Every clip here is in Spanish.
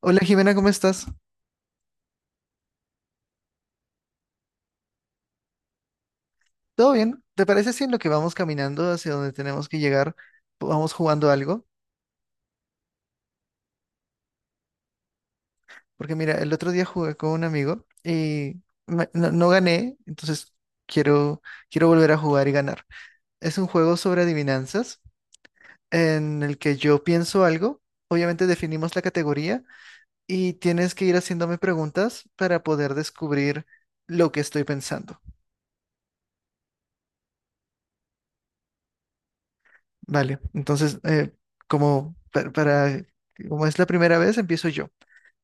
Hola Jimena, ¿cómo estás? ¿Todo bien? ¿Te parece si en lo que vamos caminando hacia donde tenemos que llegar, vamos jugando algo? Porque mira, el otro día jugué con un amigo y no, no gané, entonces quiero, quiero volver a jugar y ganar. Es un juego sobre adivinanzas en el que yo pienso algo, obviamente definimos la categoría y tienes que ir haciéndome preguntas para poder descubrir lo que estoy pensando. Vale, entonces, como, para, como es la primera vez, empiezo yo.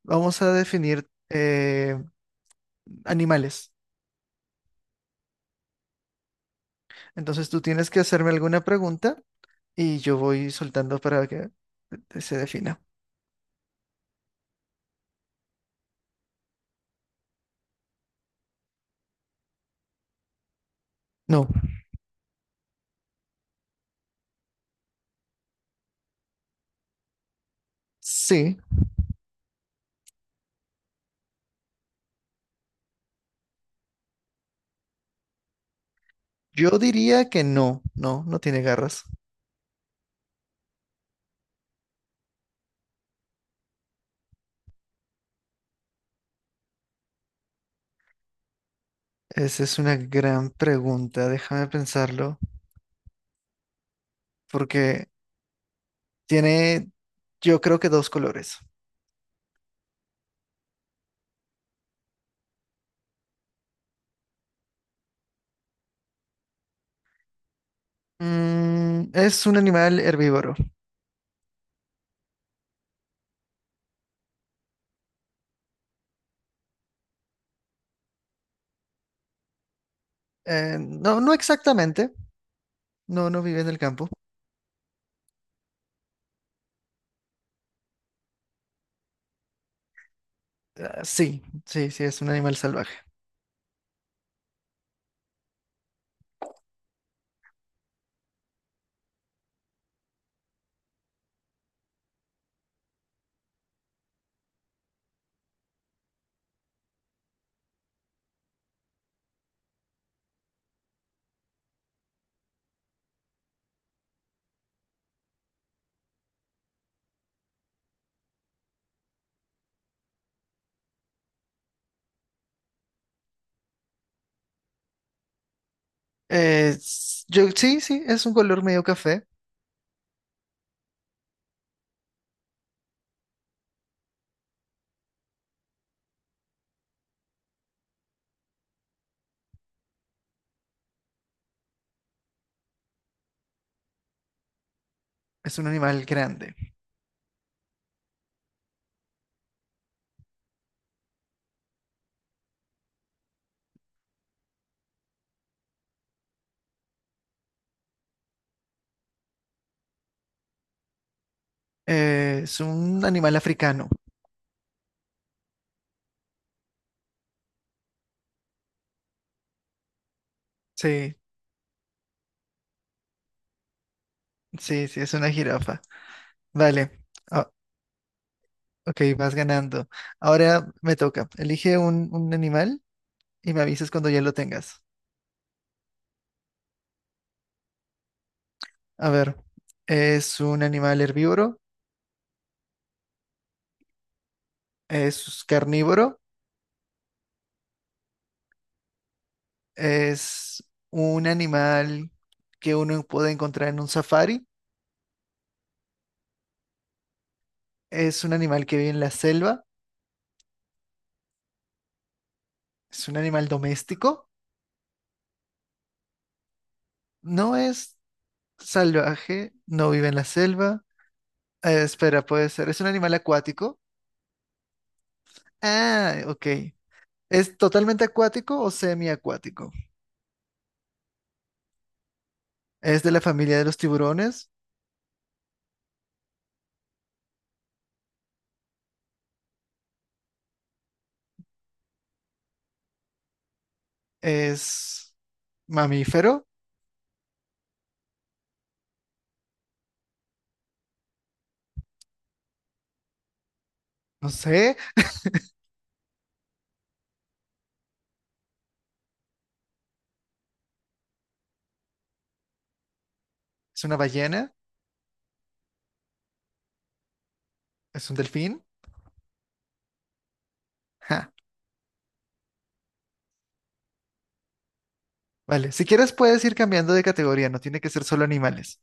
Vamos a definir animales. Entonces tú tienes que hacerme alguna pregunta y yo voy soltando para que se defina. No. Sí. Yo diría que no, no, no tiene garras. Esa es una gran pregunta, déjame pensarlo, porque tiene, yo creo que dos colores. Es un animal herbívoro. No, no exactamente. No, no vive en el campo. Ah, sí, sí, sí, es un animal salvaje. Yo, sí, sí, es un color medio café. Es un animal grande. Es un animal africano. Sí, sí, sí, es una jirafa. Vale. Ah, ok, vas ganando. Ahora me toca. Elige un animal y me avisas cuando ya lo tengas. A ver, es un animal herbívoro, es carnívoro, es un animal que uno puede encontrar en un safari, es un animal que vive en la selva, es un animal doméstico. No es salvaje, no vive en la selva. Espera, puede ser. ¿Es un animal acuático? Ah, ok. ¿Es totalmente acuático o semiacuático? ¿Es de la familia de los tiburones? ¿Es mamífero? No sé. ¿Es una ballena? ¿Es un delfín? Ja. Vale, si quieres puedes ir cambiando de categoría, no tiene que ser solo animales.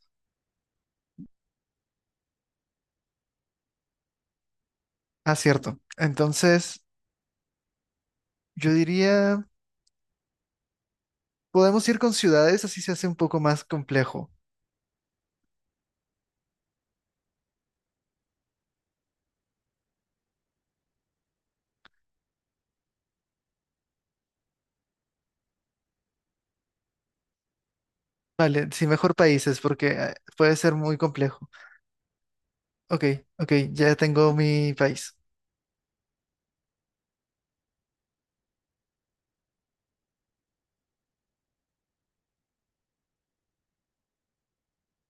Ah, cierto. Entonces, yo diría, podemos ir con ciudades, así se hace un poco más complejo. Vale, sí, mejor países, porque puede ser muy complejo. Ok, ok, ya tengo mi país.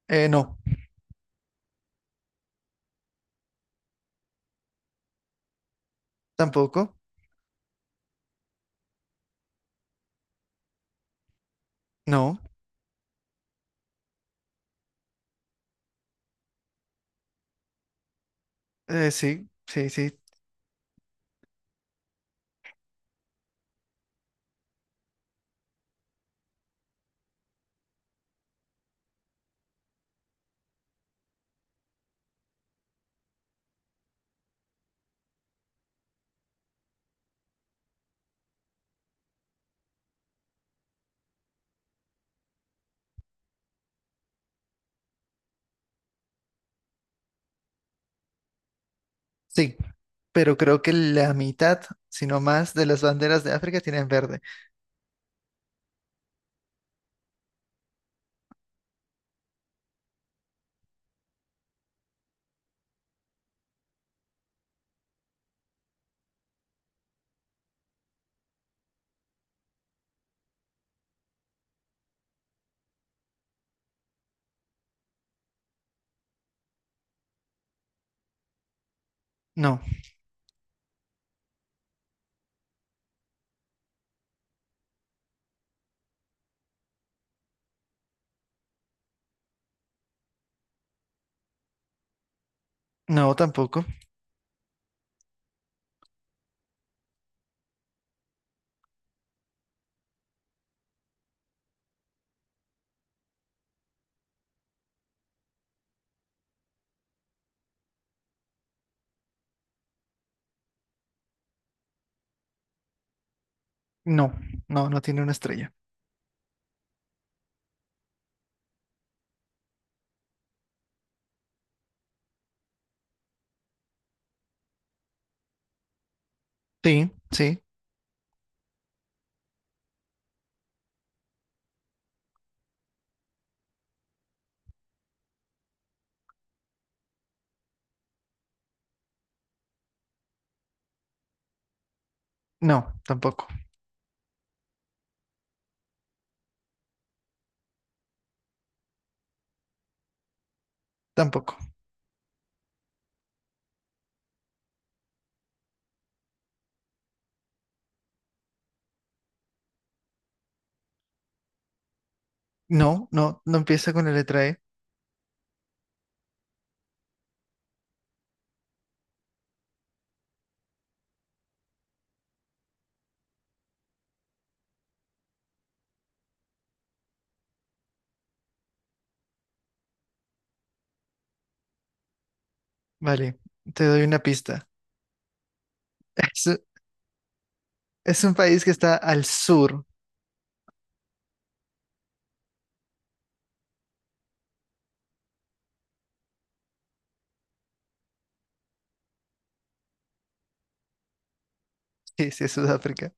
No, tampoco. No, sí, sí, sí, sí. Pero creo que la mitad, si no más, de las banderas de África tienen verde. No, no, tampoco. No, no, no tiene una estrella. Sí, sí, no, tampoco, tampoco. No, no, no empieza con la letra E. Vale, te doy una pista. Es, es un país que está al sur. Sí, sí, es Sudáfrica.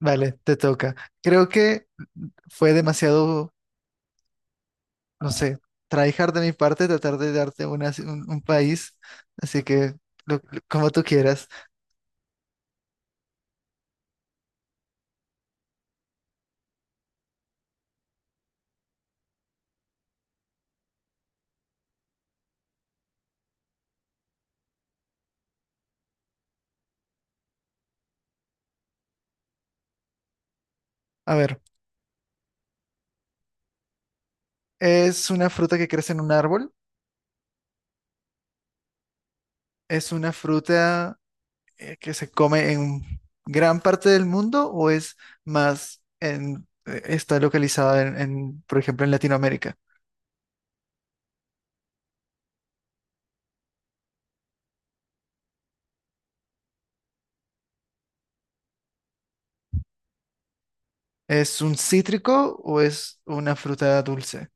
Vale, te toca. Creo que fue demasiado, no sé, tryhard de mi parte tratar de darte un país, así que como tú quieras. A ver, es una fruta que crece en un árbol, es una fruta que se come en gran parte del mundo o es más en, está localizada en, por ejemplo, en Latinoamérica. ¿Es un cítrico o es una fruta dulce?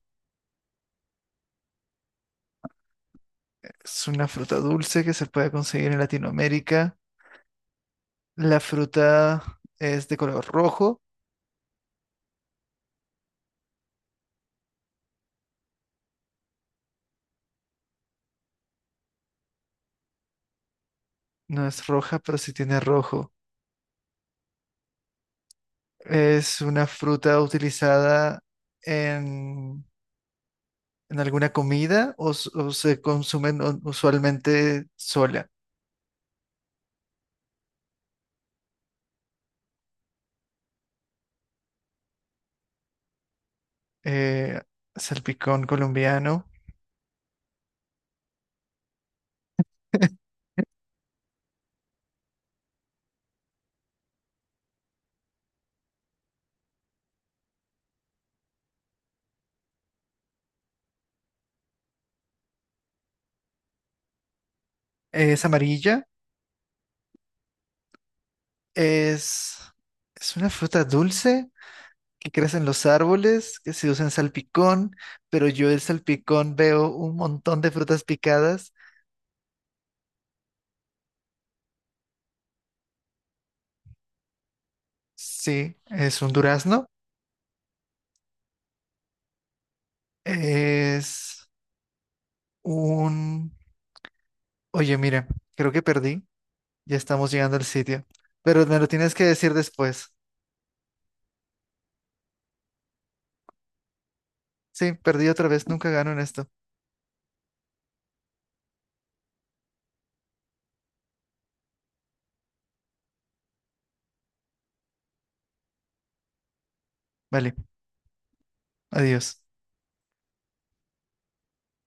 Es una fruta dulce que se puede conseguir en Latinoamérica. La fruta es de color rojo, no es roja, pero sí tiene rojo. Es una fruta utilizada en, en alguna comida o se consumen usualmente sola. Eh, salpicón colombiano. Es amarilla, es, es una fruta dulce que crece en los árboles, que se usa en salpicón, pero yo del salpicón veo un montón de frutas picadas. Sí, es un durazno. Es un... Oye, mire, creo que perdí. Ya estamos llegando al sitio. Pero me lo tienes que decir después. Sí, perdí otra vez. Nunca gano en esto. Vale, adiós.